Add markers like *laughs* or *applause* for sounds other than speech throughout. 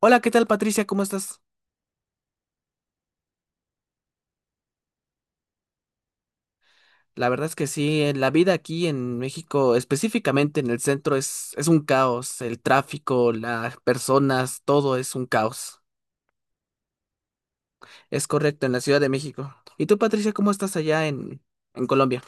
Hola, ¿qué tal, Patricia? ¿Cómo estás? La verdad es que sí, la vida aquí en México, específicamente en el centro, es un caos. El tráfico, las personas, todo es un caos. Es correcto, en la Ciudad de México. ¿Y tú, Patricia, cómo estás allá en Colombia?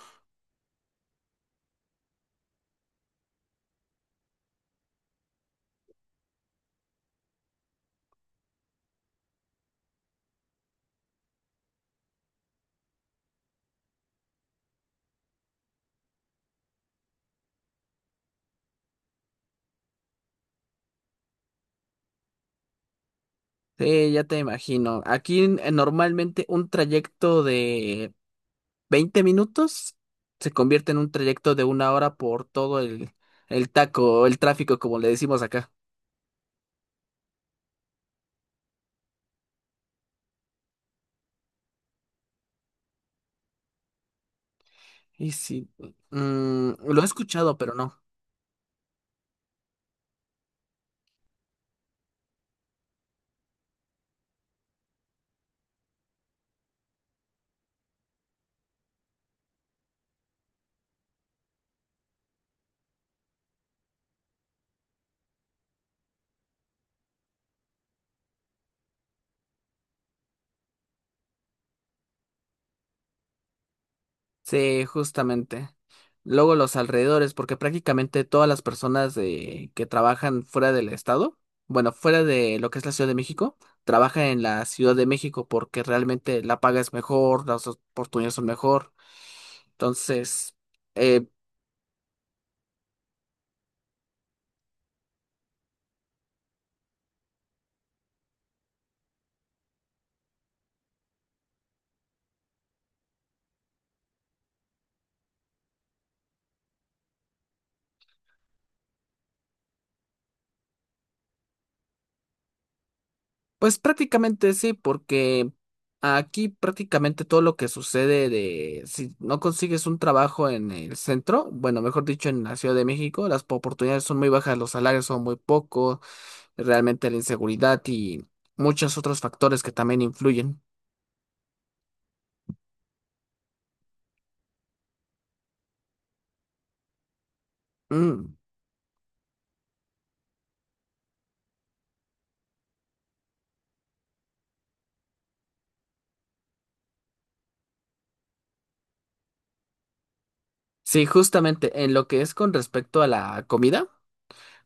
Sí, ya te imagino. Aquí normalmente un trayecto de 20 minutos se convierte en un trayecto de una hora por todo el taco, el tráfico, como le decimos acá. Y sí, mm, lo he escuchado, pero no. Sí, justamente. Luego los alrededores, porque prácticamente todas las personas de que trabajan fuera del estado, bueno, fuera de lo que es la Ciudad de México, trabajan en la Ciudad de México porque realmente la paga es mejor, las oportunidades son mejor. Entonces, eh, pues prácticamente sí, porque aquí prácticamente todo lo que sucede de si no consigues un trabajo en el centro, bueno, mejor dicho, en la Ciudad de México, las oportunidades son muy bajas, los salarios son muy pocos, realmente la inseguridad y muchos otros factores que también influyen. Mm. Sí, justamente en lo que es con respecto a la comida,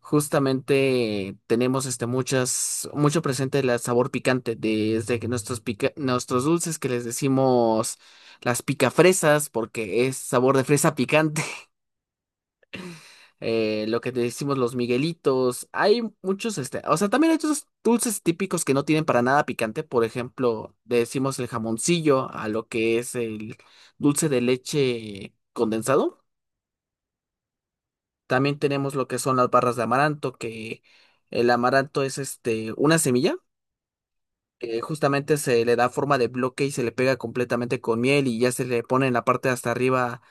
justamente tenemos este muchas, mucho presente el sabor picante, desde que nuestros nuestros dulces que les decimos las picafresas, porque es sabor de fresa picante. Eh, lo que decimos los Miguelitos. Hay muchos, este, o sea, también hay otros dulces típicos que no tienen para nada picante. Por ejemplo, decimos el jamoncillo a lo que es el dulce de leche condensado. También tenemos lo que son las barras de amaranto, que el amaranto es este, una semilla, que justamente se le da forma de bloque y se le pega completamente con miel y ya se le pone en la parte de hasta arriba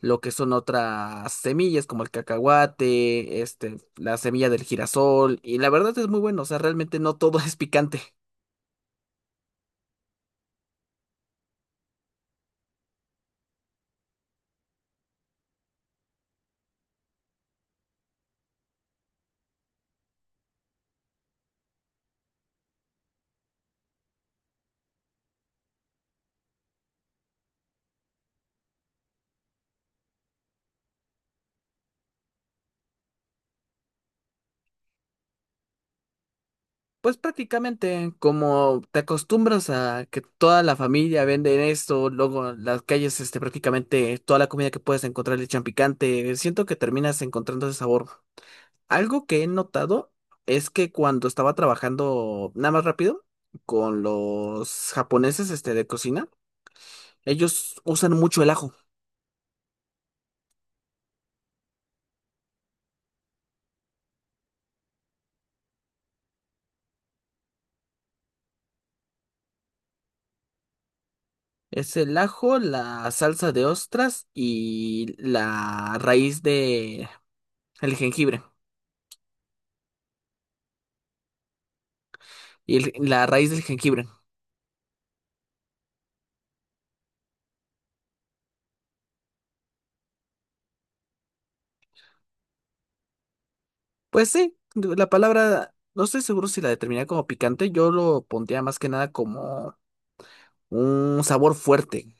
lo que son otras semillas como el cacahuate, este, la semilla del girasol, y la verdad es muy bueno, o sea, realmente no todo *laughs* es picante. Pues prácticamente como te acostumbras a que toda la familia vende esto, luego en las calles, este, prácticamente toda la comida que puedes encontrar le echan picante, siento que terminas encontrando ese sabor. Algo que he notado es que cuando estaba trabajando nada más rápido con los japoneses, este, de cocina, ellos usan mucho el ajo. Es el ajo, la salsa de ostras y la raíz de el jengibre. Y la raíz del jengibre. Pues sí, la palabra, no estoy seguro si la determiné como picante, yo lo pondría más que nada como un sabor fuerte.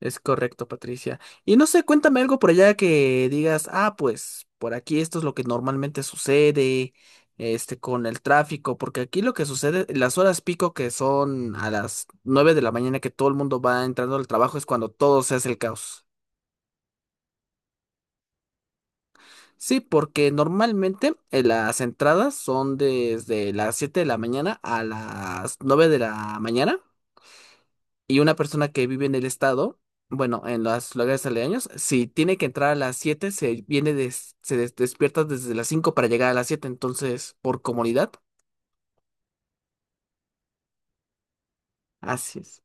Es correcto, Patricia. Y no sé, cuéntame algo por allá que digas, ah, pues por aquí esto es lo que normalmente sucede, este, con el tráfico, porque aquí lo que sucede, las horas pico que son a las 9 de la mañana que todo el mundo va entrando al trabajo es cuando todo se hace el caos. Sí, porque normalmente las entradas son desde las 7 de la mañana a las 9 de la mañana. Y una persona que vive en el estado, bueno, en los lugares aledaños, si tiene que entrar a las 7 se viene despierta desde las 5 para llegar a las 7, entonces, por comodidad, así es.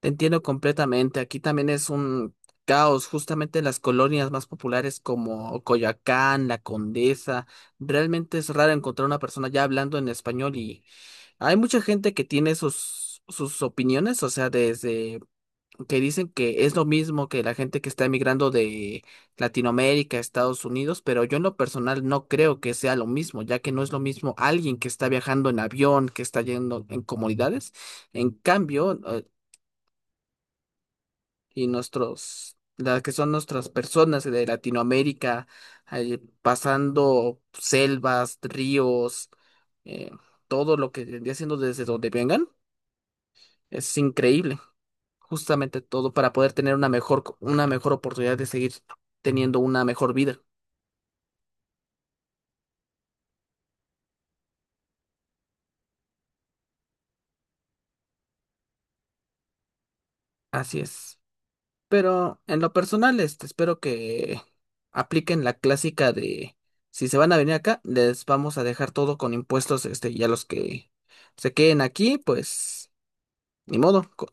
Te entiendo completamente. Aquí también es un caos, justamente en las colonias más populares como Coyoacán, La Condesa. Realmente es raro encontrar una persona ya hablando en español y hay mucha gente que tiene sus opiniones, o sea, desde que dicen que es lo mismo que la gente que está emigrando de Latinoamérica a Estados Unidos, pero yo en lo personal no creo que sea lo mismo, ya que no es lo mismo alguien que está viajando en avión, que está yendo en comunidades. En cambio, y nuestros, las que son nuestras personas de Latinoamérica, pasando selvas, ríos, eh, todo lo que vendría siendo desde donde vengan, es increíble. Justamente todo para poder tener una mejor, una mejor oportunidad de seguir teniendo una mejor vida. Así es. Pero en lo personal, este, espero que apliquen la clásica de si se van a venir acá, les vamos a dejar todo con impuestos, este, y a los que se queden aquí, pues ni modo. Co-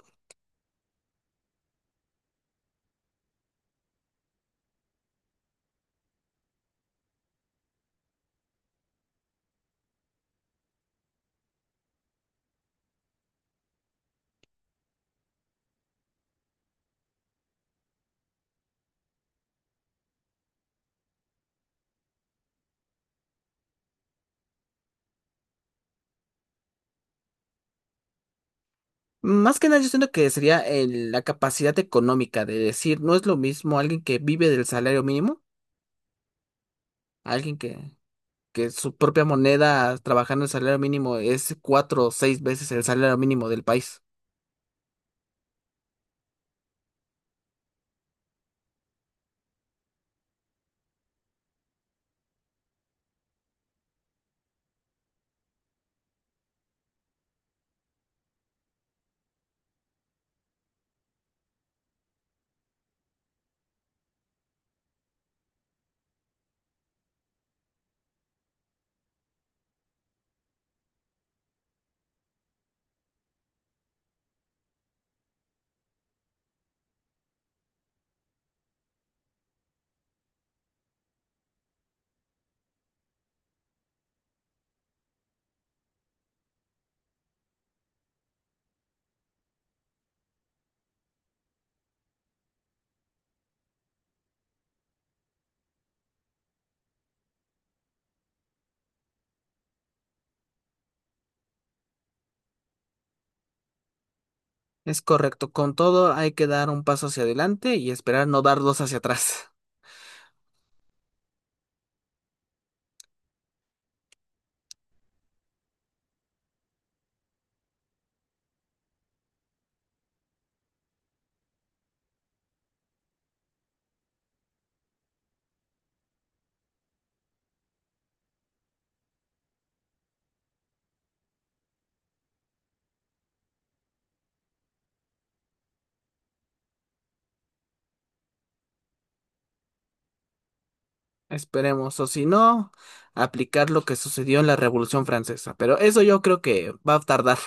Más que nada, yo siento que sería la capacidad económica de decir, no es lo mismo alguien que vive del salario mínimo, alguien que su propia moneda trabajando el salario mínimo es 4 o 6 veces el salario mínimo del país. Es correcto, con todo hay que dar un paso hacia adelante y esperar no dar dos hacia atrás. *laughs* Esperemos, o si no, aplicar lo que sucedió en la Revolución Francesa. Pero eso yo creo que va a tardar.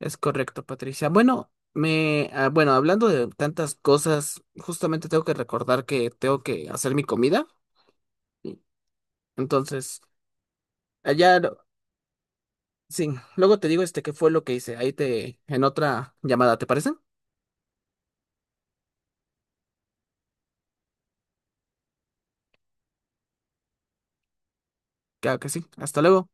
Es correcto, Patricia. Bueno, me, ah, bueno, hablando de tantas cosas, justamente tengo que recordar que tengo que hacer mi comida. Y entonces, allá no, sí, luego te digo este qué fue lo que hice. Ahí te, en otra llamada, ¿te parece? Claro que sí. Hasta luego.